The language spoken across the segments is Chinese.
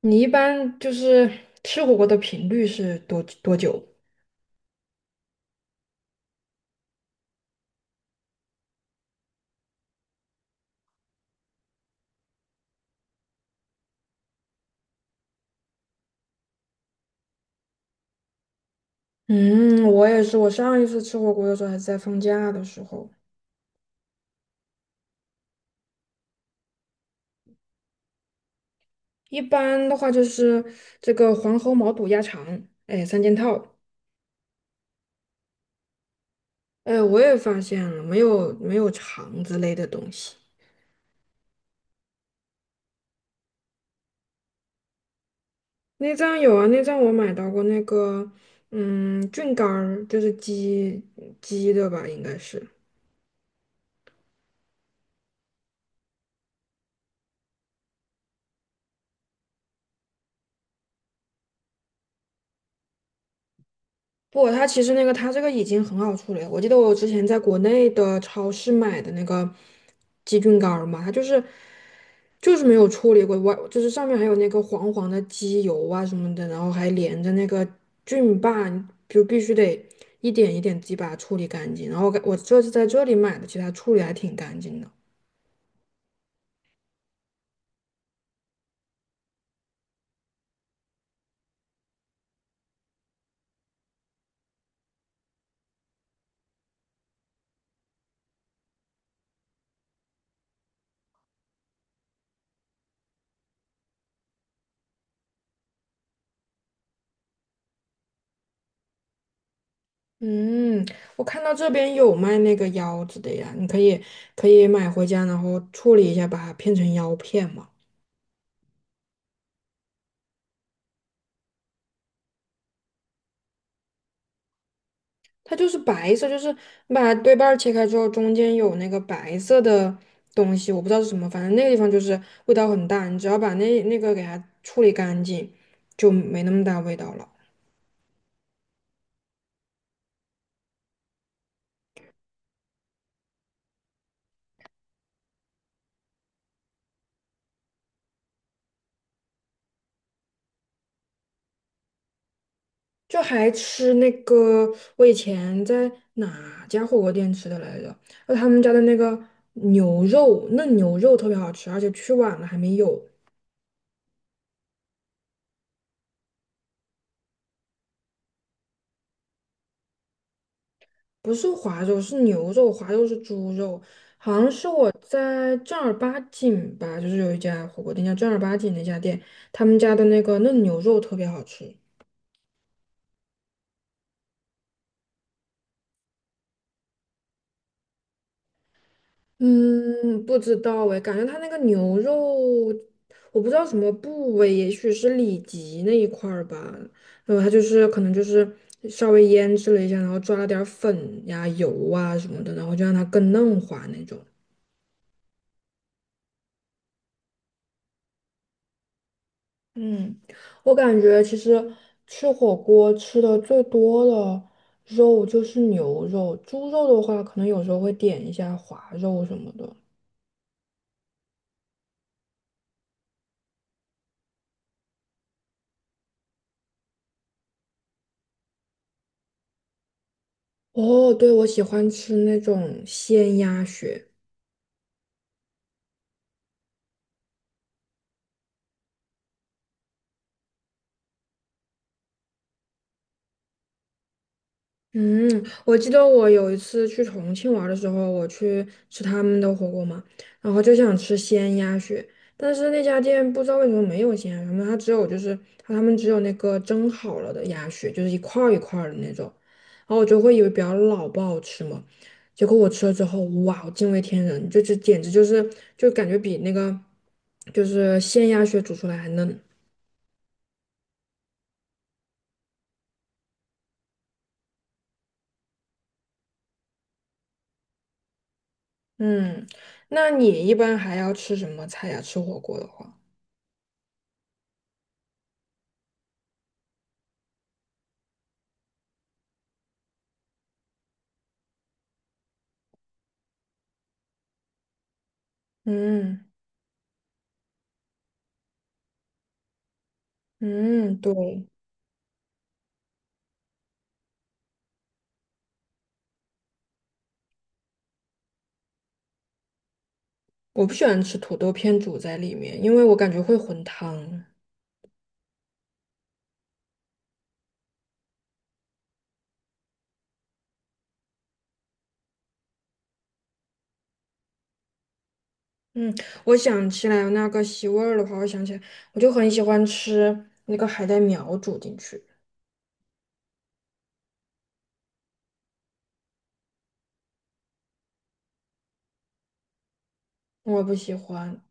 你一般就是吃火锅的频率是多多久？嗯，我也是。我上一次吃火锅的时候还是在放假的时候。一般的话就是这个黄喉毛肚鸭肠，哎，三件套。哎，我也发现了，没有肠之类的东西。内脏有啊，内脏我买到过那个，嗯，菌干儿，就是鸡的吧，应该是。不，它其实那个它这个已经很好处理了。我记得我之前在国内的超市买的那个鸡菌干儿嘛，它就是没有处理过，外就是上面还有那个黄黄的鸡油啊什么的，然后还连着那个菌霸，你就必须得一点一点自己把它处理干净。然后我这次在这里买的，其实它处理还挺干净的。嗯，我看到这边有卖那个腰子的呀，你可以买回家，然后处理一下，把它片成腰片嘛。它就是白色，就是你把对半儿切开之后，中间有那个白色的东西，我不知道是什么，反正那个地方就是味道很大。你只要把那个给它处理干净，就没那么大味道了。就还吃那个，我以前在哪家火锅店吃的来着？他们家的那个牛肉，嫩牛肉特别好吃，而且去晚了还没有。不是滑肉，是牛肉，滑肉是猪肉，好像是我在正儿八经吧，就是有一家火锅店叫正儿八经那家店，他们家的那个嫩牛肉特别好吃。嗯，不知道哎，感觉他那个牛肉，我不知道什么部位，也许是里脊那一块儿吧。然后他可能就是稍微腌制了一下，然后抓了点儿粉呀、油啊什么的，然后就让它更嫩滑那种。嗯，我感觉其实吃火锅吃的最多的肉就是牛肉，猪肉的话可能有时候会点一下滑肉什么的。哦，对，我喜欢吃那种鲜鸭血。嗯，我记得我有一次去重庆玩儿的时候，我去吃他们的火锅嘛，然后就想吃鲜鸭血，但是那家店不知道为什么没有鲜鸭血，它只有他们只有那个蒸好了的鸭血，就是一块儿一块儿的那种，然后我就会以为比较老不好吃嘛，结果我吃了之后，哇，我惊为天人，这简直就感觉比那个就是鲜鸭血煮出来还嫩。嗯，那你一般还要吃什么菜呀？吃火锅的话，嗯。嗯，对，我不喜欢吃土豆片煮在里面，因为我感觉会混汤。嗯，我想起来那个吸味儿的话，我想起来，我就很喜欢吃那个海带苗煮进去，我不喜欢。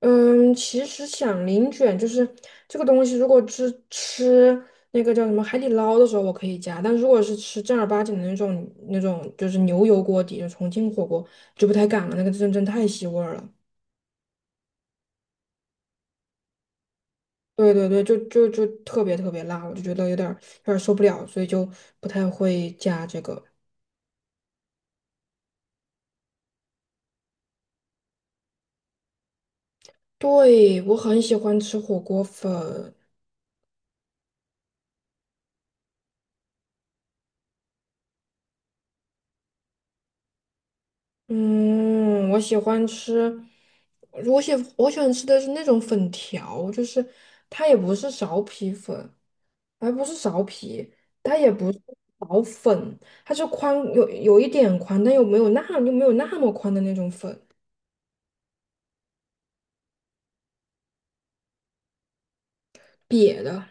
嗯，其实响铃卷就是这个东西，如果是吃那个叫什么海底捞的时候，我可以加，但如果是吃正儿八经的那种就是牛油锅底的重庆火锅，就不太敢了，那个真真太吸味儿了。对对对，就特别特别辣，我就觉得有点儿受不了，所以就不太会加这个。对，我很喜欢吃火锅粉，嗯，我喜欢吃，我喜欢吃的是那种粉条，就是它也不是苕皮粉，还不是苕皮，它也不是苕粉，它是宽有一点宽，但又没有那么宽的那种粉，瘪的。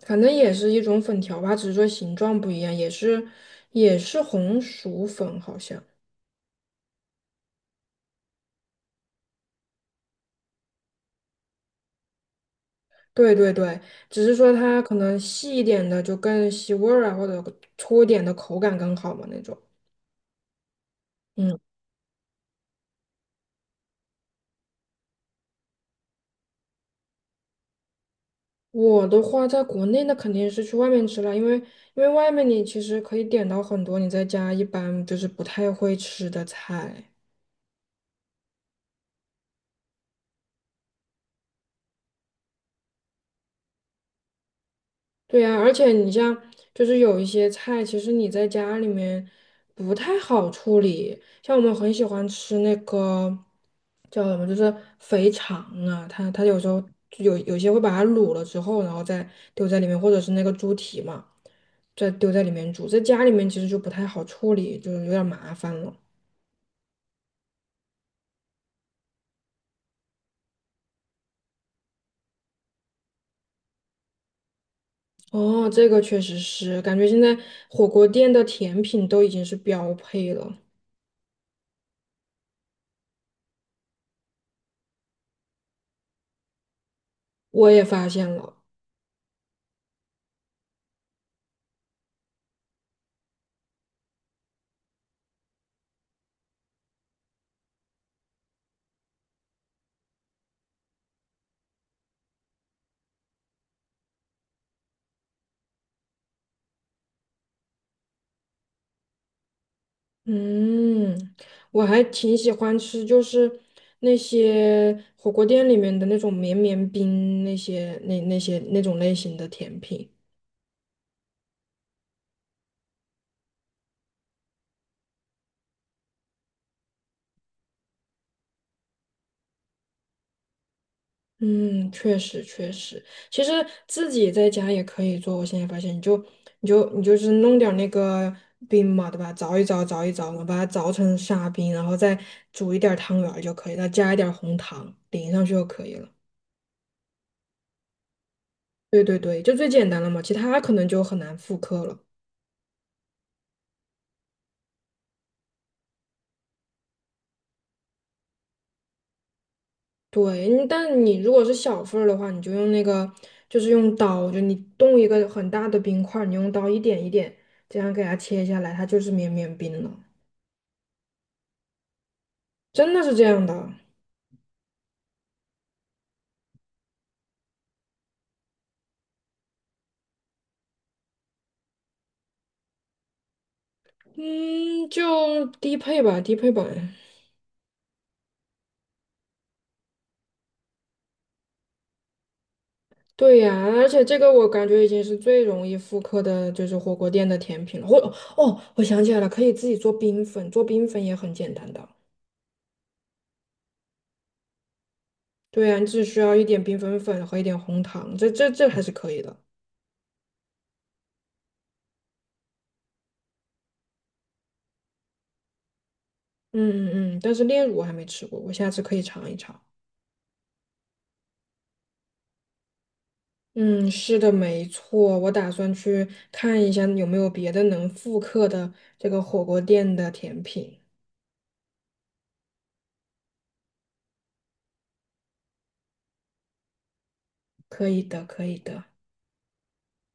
反正也是一种粉条吧，只是说形状不一样，也是红薯粉，好像。对对对，只是说它可能细一点的就更吸味儿啊，或者粗一点的口感更好嘛那种。嗯，我的话在国内那肯定是去外面吃了，因为因为外面你其实可以点到很多你在家一般就是不太会吃的菜。对呀，而且你像就是有一些菜，其实你在家里面不太好处理。像我们很喜欢吃那个叫什么，就是肥肠啊，它有时候就有些会把它卤了之后，然后再丢在里面，或者是那个猪蹄嘛，再丢在里面煮。在家里面其实就不太好处理，就是有点儿麻烦了。哦，这个确实是，感觉现在火锅店的甜品都已经是标配了，我也发现了。嗯，我还挺喜欢吃，就是那些火锅店里面的那种绵绵冰，那些那种类型的甜品。嗯，确实确实，其实自己在家也可以做。我现在发现，你就是弄点儿那个冰嘛，对吧？凿一凿嘛，把它凿成沙冰，然后再煮一点儿汤圆儿就可以了，加一点儿红糖淋上去就可以了。对对对，就最简单了嘛，其他可能就很难复刻了。对，你但你如果是小份儿的话，你就用那个，就是用刀，就你冻一个很大的冰块儿，你用刀一点一点这样给它切下来，它就是绵绵冰了，真的是这样的。嗯，就低配吧，低配版。对呀，而且这个我感觉已经是最容易复刻的，就是火锅店的甜品了。哦，我想起来了，可以自己做冰粉，做冰粉也很简单的。对呀，你只需要一点冰粉粉和一点红糖，这还是可以的。嗯嗯嗯，但是炼乳我还没吃过，我下次可以尝一尝。嗯，是的，没错，我打算去看一下有没有别的能复刻的这个火锅店的甜品。可以的，可以的。